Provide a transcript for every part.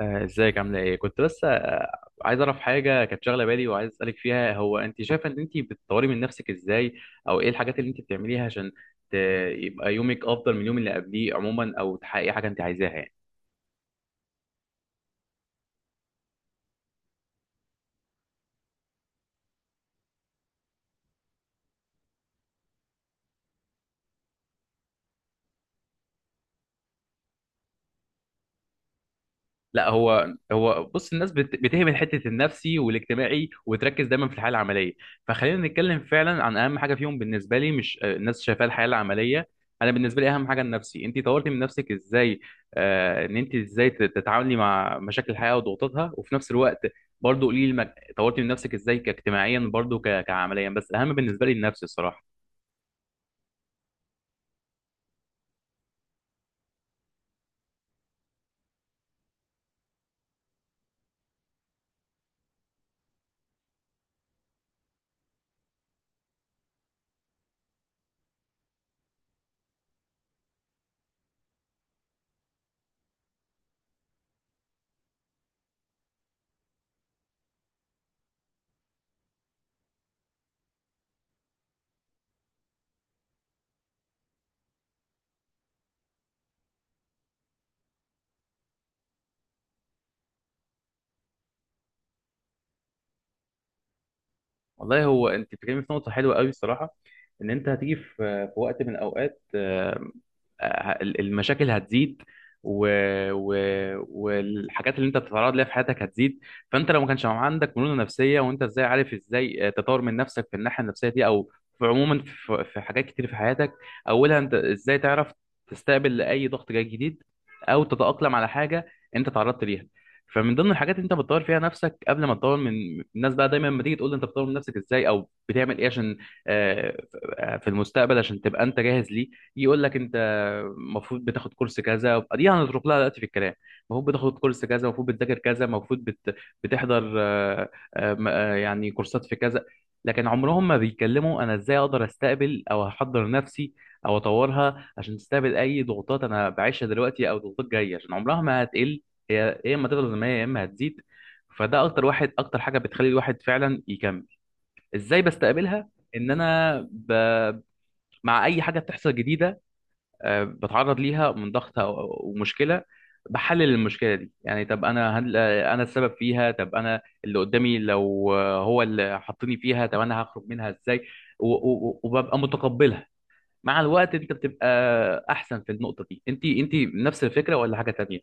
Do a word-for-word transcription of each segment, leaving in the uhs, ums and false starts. آه، ازيك عامله ايه؟ كنت بس آه، عايز اعرف حاجه كانت شاغله بالي، وعايز اسالك فيها. هو انت شايفه ان انت بتطوري من نفسك ازاي؟ او ايه الحاجات اللي انت بتعمليها عشان ت- يبقى يومك افضل من اليوم اللي قبليه عموما، او تحققي حاجه انت عايزاها يعني. لا، هو هو بص، الناس بت- بتهمل حته النفسي والاجتماعي، وتركز دايما في الحياه العمليه. فخلينا نتكلم فعلا عن اهم حاجه فيهم بالنسبه لي، مش آه، الناس شايفاها الحياه العمليه. انا بالنسبه لي اهم حاجه النفسي. انت طورتي من نفسك ازاي؟ آه ان انت ازاي تت- تتعاملي مع مشاكل الحياه وضغوطاتها، وفي نفس الوقت برضو قولي لي المج... طورتي من نفسك ازاي كاجتماعيا، برضو ك... كعمليا، بس اهم بالنسبه لي النفسي الصراحه. والله هو انت بتتكلمي في نقطه حلوه قوي الصراحه. ان انت هتيجي في في وقت من الاوقات، آه، آه، المشاكل هتزيد. و... و... والحاجات اللي انت بتتعرض ليها في حياتك هتزيد. فانت لو ما كانش عندك مرونه نفسيه، وانت ازاي عارف ازاي تطور من نفسك في الناحيه النفسيه دي، او في عموما في في حاجات كتير في حياتك. اولها انت ازاي تعرف تستقبل اي ضغط جاي جديد، او تتاقلم على حاجه انت تعرضت ليها. فمن ضمن الحاجات اللي انت بتطور فيها نفسك قبل ما تطور من الناس بقى، دايما لما تيجي تقول لي انت بتطور من نفسك ازاي او بتعمل ايه عشان آه، في المستقبل عشان تبقى انت جاهز ليه، يقول لك انت المفروض بتاخد كورس كذا، دي هنترك لها دلوقتي في الكلام. المفروض بتاخد كورس كذا، المفروض بتذاكر كذا، المفروض بت... بتحضر آه، آه، م- آه، يعني كورسات في كذا. لكن عمرهم ما بيتكلموا انا ازاي اقدر استقبل، او احضر نفسي او اطورها عشان تستقبل اي ضغوطات انا بعيشها دلوقتي، او ضغوطات جايه، عشان عمرها ما هتقل. هي يا اما تفضل زي ما هي، يا اما هتزيد. فده اكتر واحد، اكتر حاجه بتخلي الواحد فعلا يكمل. ازاي بستقبلها، ان انا ب... مع اي حاجه بتحصل جديده. آه، بتعرض ليها من ضغط أو- ومشكله. بحلل المشكله دي، يعني طب انا هل آه، انا السبب فيها، طب انا اللي قدامي لو آه، هو اللي حطني فيها، طب انا هخرج منها ازاي، و- و- و- وببقى متقبلها. مع الوقت انت بتبقى احسن في النقطه دي. انت انت نفس الفكره ولا حاجه تانية؟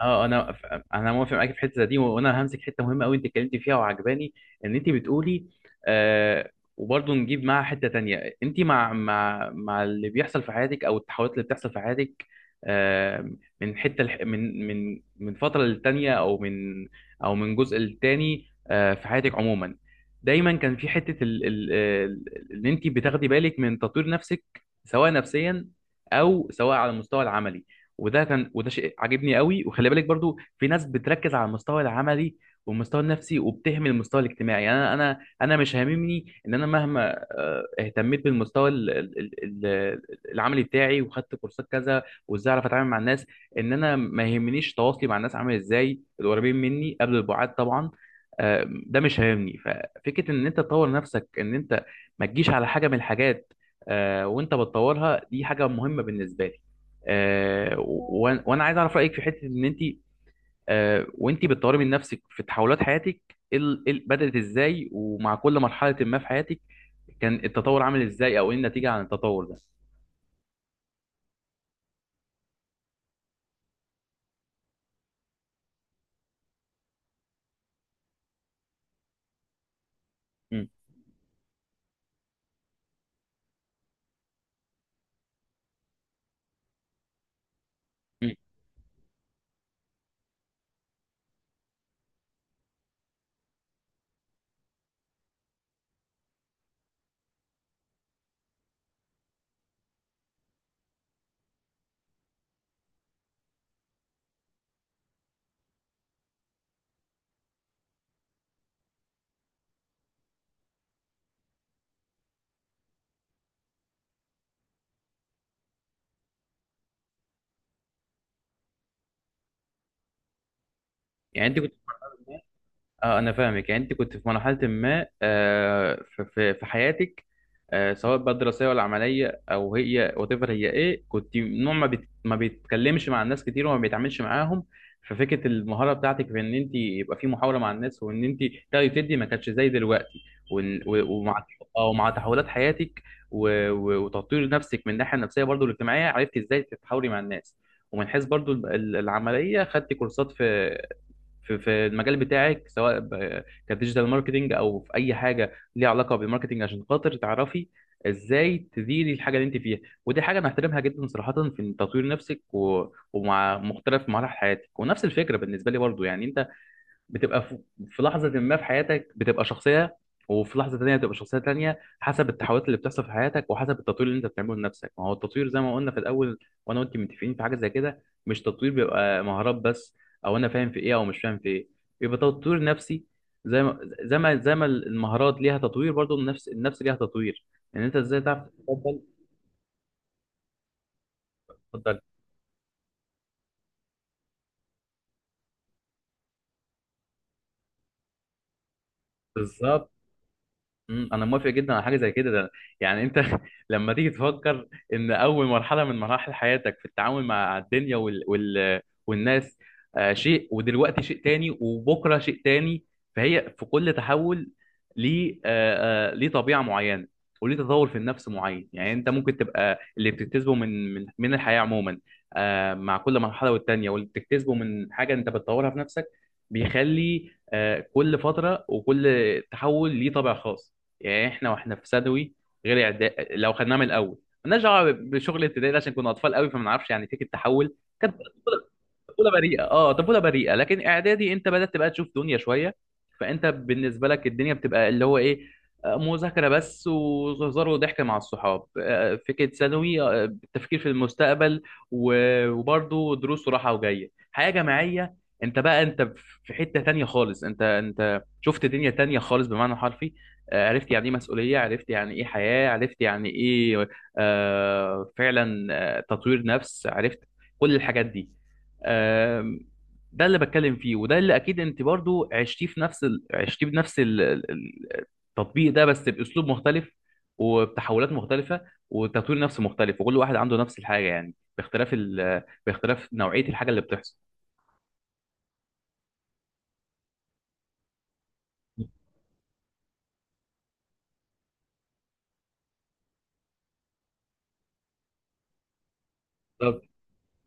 اه، انا ف- انا موافق معاك في الحته دي، وانا همسك حته مهمه قوي انت اتكلمتي فيها وعجباني. ان انت بتقولي، آه وبرضه نجيب معاها حته تانية. انت مع مع مع اللي بيحصل في حياتك، او التحولات اللي بتحصل في حياتك آه من حته لح- من من من فتره للتانيه، او من، او من جزء للتاني آه في حياتك عموما. دايما كان في حته، ال ال ال- ان انت بتاخدي بالك من تطوير نفسك، سواء نفسيا، او سواء على المستوى العملي. وده كان وده شيء عاجبني قوي. وخلي بالك برضو في ناس بتركز على المستوى العملي والمستوى النفسي وبتهمل المستوى الاجتماعي. يعني انا انا انا مش هاممني ان انا مهما آه، اهتميت بالمستوى ال- ال- ال- ال- العملي بتاعي وخدت كورسات كذا وازاي اعرف اتعامل مع الناس. ان انا ما يهمنيش تواصلي مع الناس عامل ازاي، القريبين مني قبل البعاد طبعا. آه، ده مش هاممني. ففكره ان انت تطور نفسك، ان انت ما تجيش على حاجه من الحاجات آه، وانت بتطورها، دي حاجه مهمه بالنسبه لي. آه، و- وانا عايز اعرف رايك في حته ان انت آه، وانت بتطوري من نفسك في تحولات حياتك، ال- ال- بدات ازاي، ومع كل مرحله ما في حياتك كان التطور عامل ازاي، او ايه النتيجه عن التطور ده؟ مم. مم. يعني انت كنت اه، انا فاهمك. يعني انت كنت في مرحله ما آه، في في في حياتك، آه، سواء بقى دراسيه ولا عمليه، او هي وات ايفر. هي ايه كنت نوع ما بت... ما بيتكلمش مع الناس كتير وما بيتعاملش معاهم. ففكره المهاره بتاعتك في ان انت يبقى في محاوله مع الناس، وان انت تاخدي وتدي، ما كانتش زي دلوقتي. وإن- و- ومع، او مع تحولات حياتك، و... و- وتطوير نفسك من الناحيه النفسيه برضو الاجتماعيه، عرفتي ازاي تتحاوري مع الناس. ومن حيث برضو ال- ال- العمليه، خدتي كورسات في في في المجال بتاعك، سواء ب- كديجيتال ماركتنج او في اي حاجه ليها علاقه بالماركتنج، عشان خاطر تعرفي ازاي تديري الحاجه اللي انت فيها. ودي حاجه انا احترمها جدا صراحه، في تطوير نفسك و... ومع مختلف مراحل حياتك. ونفس الفكره بالنسبه لي برضو، يعني انت بتبقى في في لحظة ما في حياتك بتبقى شخصية، وفي لحظة تانية بتبقى شخصية تانية، حسب التحولات اللي بتحصل في حياتك وحسب التطوير اللي انت بتعمله لنفسك. ما هو التطوير زي ما قلنا في الأول، وانا وانت متفقين في حاجة زي كده، مش تطوير بيبقى مهارات بس، او انا فاهم في ايه او مش فاهم في ايه، بيبقى تطوير نفسي. زي ما زي ما زي ما المهارات ليها تطوير، برضو النفس النفس ليها تطوير، ان يعني انت ازاي تعرف تتقبل. اتفضل. بالظبط. مم، انا موافق جدا على حاجه زي كده ده. يعني انت لما تيجي تفكر، ان اول مرحله من مراحل حياتك في التعامل مع الدنيا وال... وال... والناس آه شيء، ودلوقتي شيء تاني، وبكره شيء تاني. فهي في كل تحول ليه، آه آه ليه طبيعه معينه، وليه تطور في النفس معين. يعني انت ممكن تبقى اللي بتكتسبه من من من الحياه عموما، آه مع كل مرحله والتانيه، واللي بتكتسبه من حاجه انت بتطورها في نفسك، بيخلي آه كل فتره وكل تحول ليه طابع خاص. يعني احنا واحنا في ثانوي غير اعداد لو خدناها من الاول، مالناش دعوه بشغل ابتدائي ده، عشان كنا اطفال قوي فما نعرفش يعني فكره التحول. كانت طفوله بريئه، اه، طفوله بريئه. لكن اعدادي انت بدات تبقى تشوف دنيا شويه. فانت بالنسبه لك الدنيا بتبقى اللي هو ايه، آه، مذاكره بس وهزار وضحك مع الصحاب. آه، فكره ثانوي، آه، التفكير في المستقبل و- وبرضه دروس وراحه، وجايه حياه جماعيه. انت بقى، انت في حته تانية خالص، انت انت شفت دنيا تانية خالص بمعنى حرفي. آه، عرفت يعني ايه مسؤوليه، عرفت يعني ايه حياه، عرفت يعني ايه آه، فعلا، آه، تطوير نفس، عرفت كل الحاجات دي. آم، ده اللي بتكلم فيه، وده اللي اكيد انت برضو عشتيه في نفس ال... عشتيه بنفس ال- ال- التطبيق ده، بس باسلوب مختلف. وبتحولات مختلفه وتطوير نفس مختلف، وكل واحد عنده نفس الحاجه يعني باختلاف ال... باختلاف نوعيه الحاجه اللي بتحصل. بالظبط.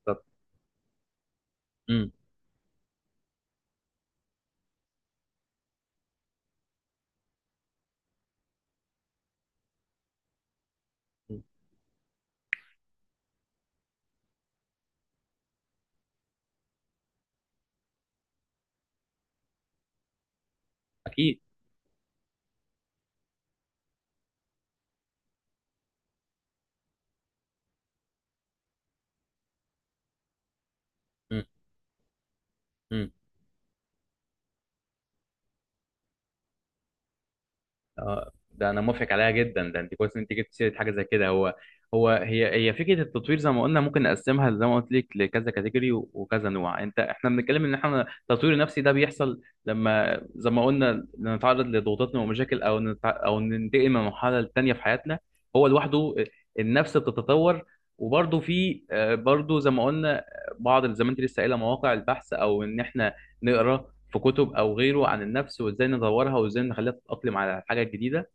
بالظبط. امم. أمم. اكيد. امم. أمم. اه، ده انا موافق عليها جدا ده، انت كويس ان انت جبت سيره حاجه زي كده. هو هو هي هي فكره التطوير زي ما قلنا، ممكن نقسمها زي ما قلت لك لكذا كاتيجوري وكذا نوع. انت احنا بنتكلم ان احنا التطوير النفسي ده بيحصل لما زي ما قلنا نتعرض لضغوطات ومشاكل، او نتع... او ننتقل من مرحله للتانيه في حياتنا. هو لوحده النفس بتتطور. وبرضه في آه، برضه زي ما قلنا بعض، زي ما انت لسه قايله مواقع البحث، او ان احنا نقرا في كتب او غيره عن النفس وازاي نطورها وازاي نخليها تتاقلم على الحاجه الجديده.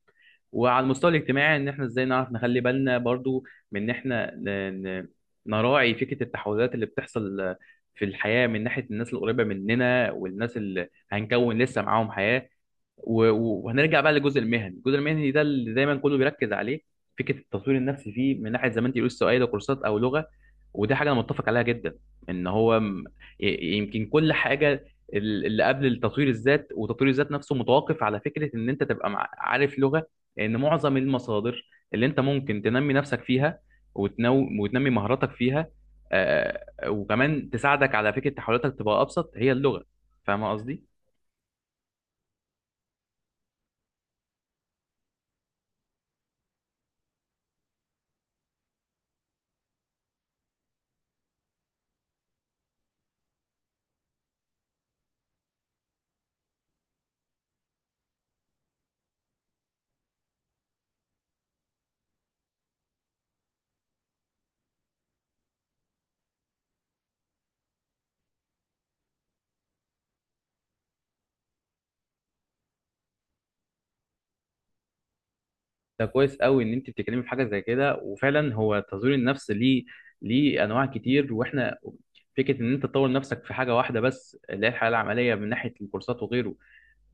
وعلى المستوى الاجتماعي ان احنا ازاي نعرف نخلي بالنا برضو من ان احنا ن- ن- نراعي فكرة التحولات اللي بتحصل في الحياة، من ناحية الناس القريبة مننا والناس اللي هنكون لسه معاهم حياة. و- و- وهنرجع بقى للجزء المهني، الجزء المهني ده اللي دايما كله بيركز عليه. فكره التطوير النفسي فيه من ناحيه زي ما انت قلت سواء ده كورسات او لغه، ودي حاجه انا متفق عليها جدا. ان هو م- ي- يمكن كل حاجه ال- اللي قبل التطوير الذات، وتطوير الذات نفسه متوقف على فكره ان انت تبقى مع- عارف لغه. لان معظم المصادر اللي انت ممكن تنمي نفسك فيها وتنو... وتنمي مهاراتك فيها، آه، وكمان تساعدك على فكره تحولاتك تبقى ابسط هي اللغه. فاهم قصدي؟ ده كويس قوي ان انت بتتكلمي في حاجه زي كده، وفعلا هو تطوير النفس ليه ليه انواع كتير، واحنا فكره ان انت تطور نفسك في حاجه واحده بس اللي هي الحياه العمليه من ناحيه الكورسات وغيره.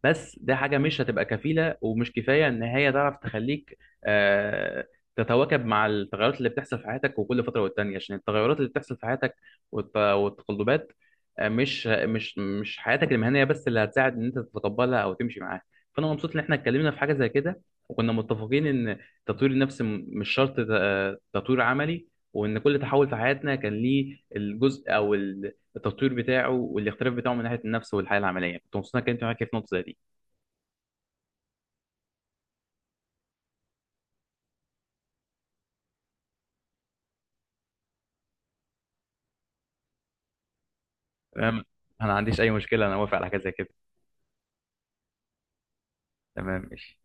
بس ده حاجة مش هتبقى كفيلة ومش كفاية إن هي تعرف تخليك آه، تتواكب مع التغيرات اللي بتحصل في حياتك وكل فترة والتانية، عشان التغيرات اللي بتحصل في حياتك والت- والتقلبات، آه، مش مش مش حياتك المهنية بس اللي هتساعد إن أنت تتقبلها أو تمشي معاها. فأنا مبسوط إن إحنا اتكلمنا في حاجة زي كده، وكنا متفقين إن تطوير النفس م- مش شرط ت- آه، تطوير عملي. وإن كل تحول في حياتنا كان ليه الجزء أو التطوير بتاعه والاختلاف بتاعه من ناحيه النفس والحياه العمليه. كنت مبسوط انك انت معاك في نقطه زي دي. تمام. انا ما عنديش اي مشكله، انا موافق على حاجه زي كده. تمام، ماشي.